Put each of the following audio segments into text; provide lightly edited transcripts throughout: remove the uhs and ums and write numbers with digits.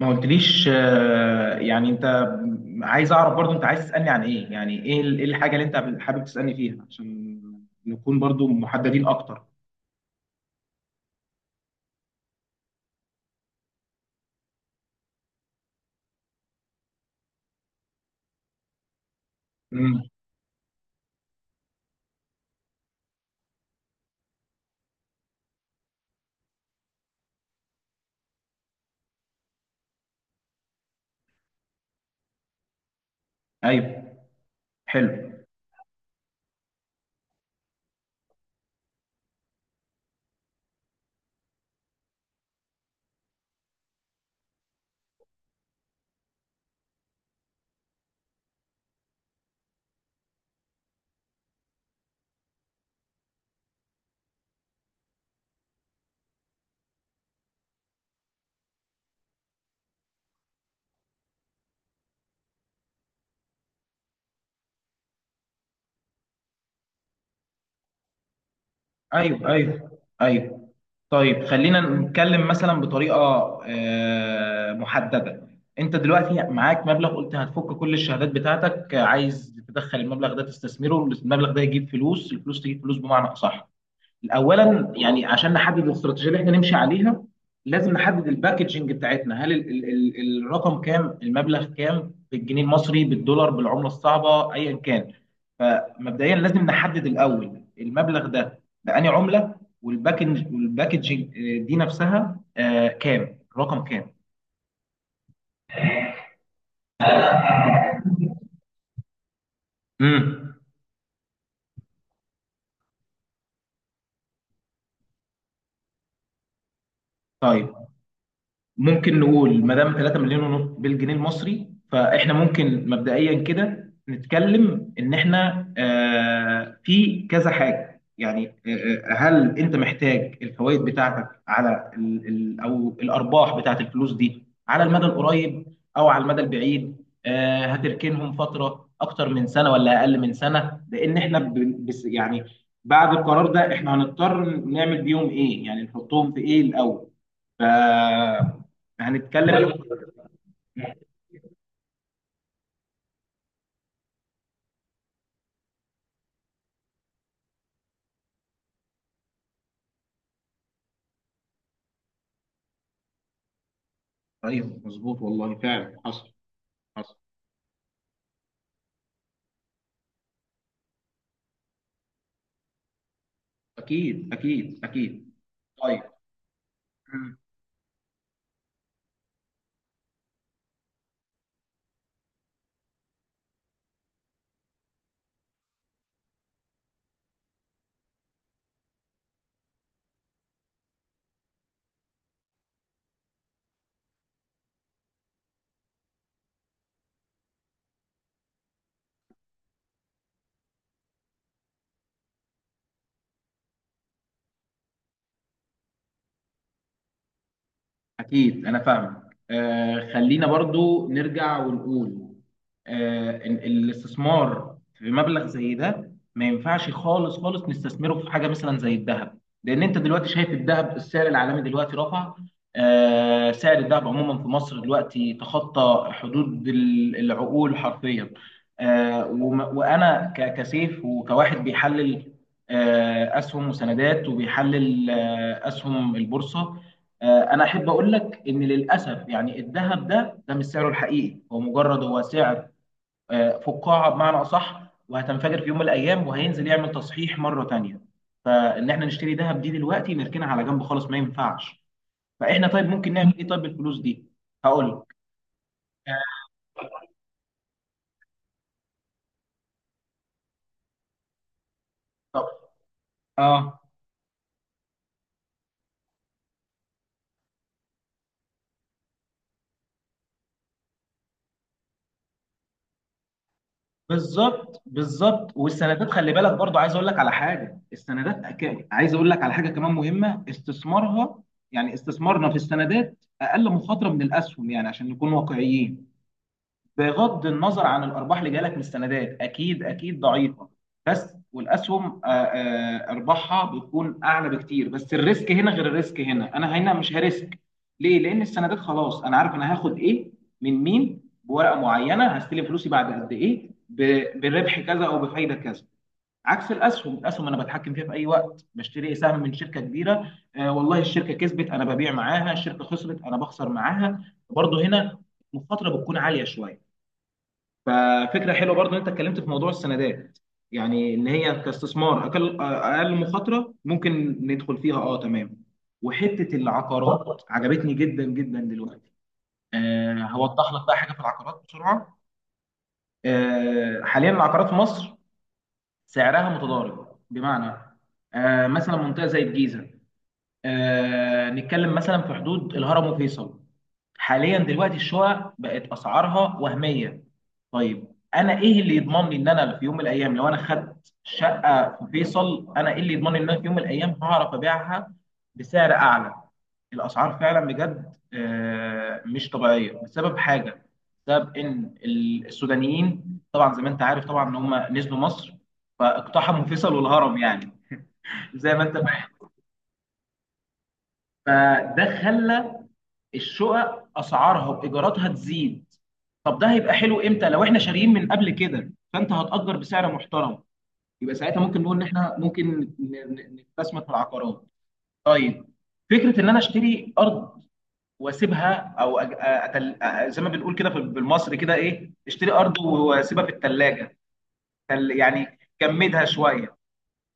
ما قلتليش. يعني انت عايز اعرف برضو، انت عايز تسألني عن ايه؟ يعني ايه إيه الحاجة اللي انت حابب تسألني فيها عشان نكون برضو محددين اكتر. امم. ايوه، حلو. ايوه ايوه ايوه. طيب خلينا نتكلم مثلا بطريقة محددة. انت دلوقتي معاك مبلغ، قلت هتفك كل الشهادات بتاعتك. عايز تدخل المبلغ ده تستثمره، المبلغ ده يجيب فلوس، الفلوس تجيب فلوس بمعنى اصح. اولا يعني عشان نحدد الاستراتيجيه اللي احنا نمشي عليها، لازم نحدد الباكجنج بتاعتنا. هل ال ال ال الرقم كام؟ المبلغ كام؟ بالجنيه المصري، بالدولار، بالعمله الصعبه، ايا كان؟ فمبدئيا لازم نحدد الاول المبلغ ده بأني عمله. والباكجنج دي نفسها كام؟ رقم كام؟ امم. طيب ممكن نقول ما دام 3 مليون ونص بالجنيه المصري، فاحنا ممكن مبدئيا كده نتكلم ان احنا في كذا حاجه يعني. هل انت محتاج الفوائد بتاعتك على او الارباح بتاعت الفلوس دي على المدى القريب، او على المدى البعيد؟ هتركنهم فتره اكتر من سنه، ولا اقل من سنه؟ لان احنا بس يعني بعد القرار ده احنا هنضطر نعمل بيهم ايه؟ يعني نحطهم في ايه الاول؟ ف هنتكلم. ايوه ايوه، مظبوط والله، فعلا حصل. حصل، اكيد اكيد اكيد. طيب أكيد أنا فاهمك. خلينا برضو نرجع ونقول إن الاستثمار في مبلغ زي ده ما ينفعش خالص خالص نستثمره في حاجة مثلا زي الذهب، لأن أنت دلوقتي شايف الذهب، السعر العالمي دلوقتي رفع. سعر الذهب عموما في مصر دلوقتي تخطى حدود العقول حرفيا. وأنا كسيف وكواحد بيحلل أسهم وسندات، وبيحلل أسهم البورصة. انا احب اقول لك ان للاسف يعني الذهب ده مش سعره الحقيقي، هو مجرد هو سعر فقاعه بمعنى اصح، وهتنفجر في يوم من الايام، وهينزل يعمل تصحيح مره تانية. فان احنا نشتري ذهب دي دلوقتي نركنها على جنب خالص ما ينفعش. فاحنا طيب ممكن نعمل ايه طيب بالفلوس دي؟ هقول لك. طب، اه، بالظبط بالظبط. والسندات خلي بالك برضو، عايز اقول لك على حاجه. السندات عايز اقول لك على حاجه كمان مهمه استثمارها. يعني استثمارنا في السندات اقل مخاطره من الاسهم، يعني عشان نكون واقعيين. بغض النظر عن الارباح اللي جايه لك من السندات، اكيد اكيد ضعيفه. بس والاسهم ارباحها بتكون اعلى بكتير، بس الريسك هنا غير الريسك هنا، انا هنا مش هريسك. ليه؟ لان السندات خلاص انا عارف انا هاخد ايه، من مين، بورقه معينه، هستلم فلوسي بعد قد ايه، بربح كذا او بفايده كذا. عكس الاسهم، الاسهم انا بتحكم فيها في اي وقت، بشتري سهم من شركه كبيره. والله الشركه كسبت انا ببيع معاها، الشركه خسرت انا بخسر معاها. برضه هنا المخاطره بتكون عاليه شويه. ففكره حلوه برضو ان انت اتكلمت في موضوع السندات، يعني ان هي كاستثمار اقل مخاطره، ممكن ندخل فيها. اه تمام. وحته العقارات عجبتني جدا جدا دلوقتي. هوضح لك بقى حاجه في العقارات بسرعه. حاليا العقارات في مصر سعرها متضارب، بمعنى مثلا منطقه زي الجيزه، نتكلم مثلا في حدود الهرم وفيصل، حاليا دلوقتي الشقق بقت اسعارها وهميه. طيب انا ايه اللي يضمن لي ان انا في يوم من الايام لو انا خدت شقه في فيصل، انا ايه اللي يضمن لي ان انا في يوم من الايام هعرف ابيعها بسعر اعلى؟ الاسعار فعلا بجد مش طبيعيه، بسبب حاجه، بسبب ان السودانيين طبعا زي ما انت عارف طبعا ان هم نزلوا مصر، فاقتحموا فيصل والهرم، يعني زي ما انت فاهم. فده خلى الشقق اسعارها وايجاراتها تزيد. طب ده هيبقى حلو امتى؟ لو احنا شاريين من قبل كده، فانت هتأجر بسعر محترم، يبقى ساعتها ممكن نقول ان احنا ممكن نستثمر في العقارات. طيب فكرة ان انا اشتري ارض واسيبها، او زي ما بنقول كده بالمصري كده، ايه، اشتري ارض واسيبها في الثلاجة، يعني جمدها شوية.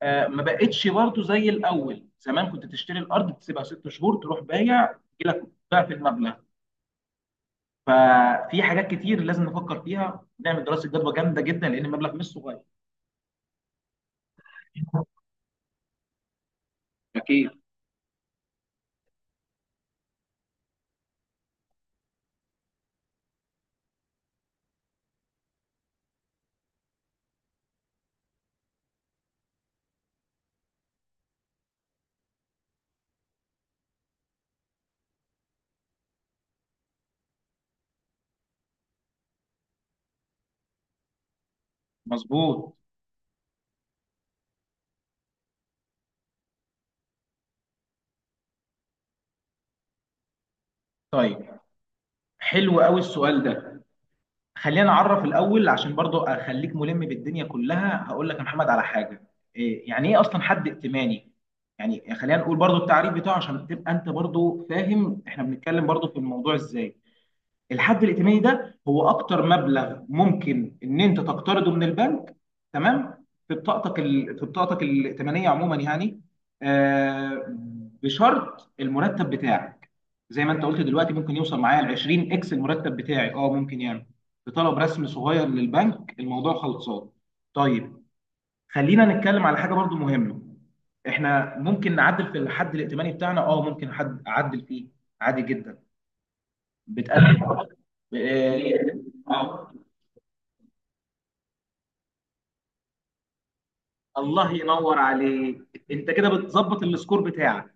ما بقتش برضه زي الاول، زمان كنت تشتري الارض تسيبها ست شهور تروح بايع يجي لك ضعف المبلغ. ففي حاجات كتير لازم نفكر فيها، نعمل دراسه جدوى جامده جدا، لان المبلغ مش صغير. أكيد. مظبوط. طيب حلو قوي السؤال ده. خلينا نعرف الأول، عشان برضو أخليك ملم بالدنيا كلها، هقول لك يا محمد على حاجة. إيه يعني إيه أصلا حد ائتماني؟ يعني خلينا نقول برضو التعريف بتاعه عشان تبقى أنت برضو فاهم إحنا بنتكلم برضو في الموضوع إزاي. الحد الائتماني ده هو اكتر مبلغ ممكن ان انت تقترضه من البنك، تمام، في بطاقتك ال... في بطاقتك الائتمانيه عموما يعني. آه بشرط المرتب بتاعك، زي ما انت قلت دلوقتي، ممكن يوصل معايا ل 20 اكس المرتب بتاعي. اه ممكن يعمل بطلب رسم صغير للبنك، الموضوع خلصان. طيب خلينا نتكلم على حاجه برضو مهمه. احنا ممكن نعدل في الحد الائتماني بتاعنا. اه ممكن، حد اعدل فيه عادي جدا، بتقدم. آه، الله ينور عليك. انت كده بتظبط السكور بتاعك،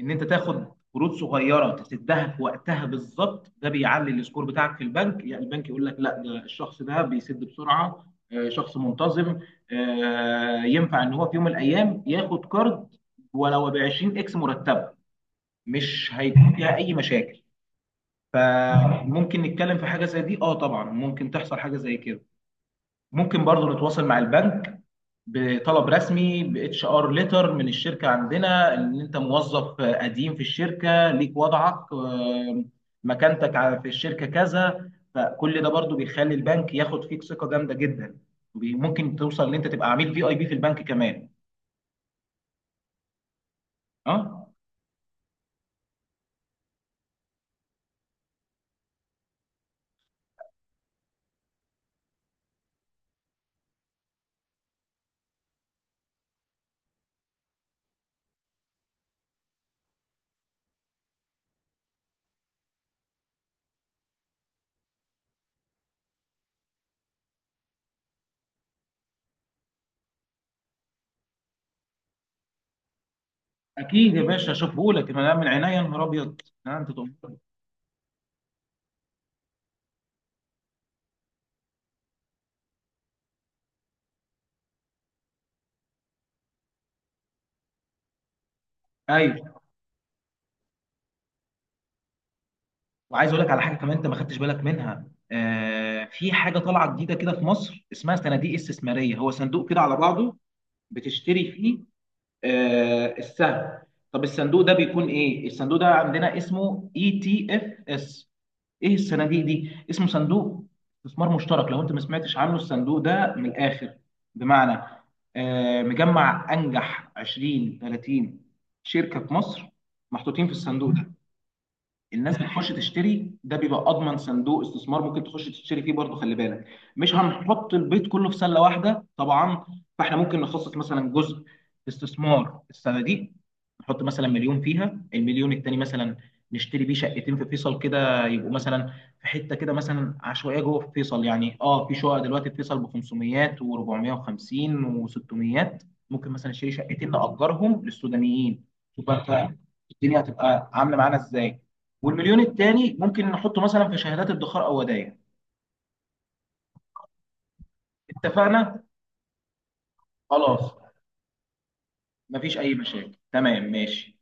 ان انت تاخد قروض صغيره تسدها في وقتها بالظبط، ده بيعلي السكور بتاعك في البنك، يعني البنك يقول لك لا، ده الشخص ده بيسد بسرعه، شخص منتظم، ينفع ان هو في يوم من الايام ياخد كارد ولو ب 20 اكس مرتبه، مش هيكون فيها اي مشاكل. فممكن نتكلم في حاجه زي دي، اه، طبعا ممكن تحصل حاجه زي كده. ممكن برضو نتواصل مع البنك بطلب رسمي، باتش ار ليتر من الشركه عندنا، ان انت موظف قديم في الشركه، ليك وضعك مكانتك في الشركه كذا، فكل ده برضو بيخلي البنك ياخد فيك ثقه جامده جدا، ممكن توصل ان انت تبقى عميل في اي بي في البنك كمان. اه اكيد يا باشا، اشوفه لك انا من عينيا يا نهار ابيض. انت تؤمر. ايوه، وعايز اقول لك على حاجه كمان انت ما خدتش بالك منها. في حاجه طالعه جديده كده في مصر اسمها صناديق استثماريه، هو صندوق كده على بعضه بتشتري فيه السهم. طب الصندوق ده بيكون ايه؟ الصندوق ده عندنا اسمه اي تي اف اس. ايه الصناديق دي؟ اسمه صندوق استثمار مشترك لو انت ما سمعتش عنه. الصندوق ده من الاخر بمعنى مجمع انجح 20 30 شركة في مصر محطوطين في الصندوق ده. الناس بتخش تشتري ده، بيبقى اضمن صندوق استثمار، ممكن تخش تشتري فيه برضه. خلي بالك مش هنحط البيت كله في سله واحده طبعا. فاحنا ممكن نخصص مثلا جزء استثمار السنه دي، نحط مثلا مليون فيها. المليون التاني مثلا نشتري بيه شقتين في فيصل كده، يبقوا مثلا في حته كده مثلا عشوائيه جوه في فيصل، يعني اه في شقق دلوقتي في فيصل ب 500 و450 و600، ممكن مثلا نشتري شقتين نأجرهم للسودانيين. شوف بقى انت الدنيا هتبقى عامله معانا ازاي. والمليون التاني ممكن نحطه مثلا في شهادات ادخار او ودائع. اتفقنا. خلاص مفيش اي مشاكل، تمام، ماشي.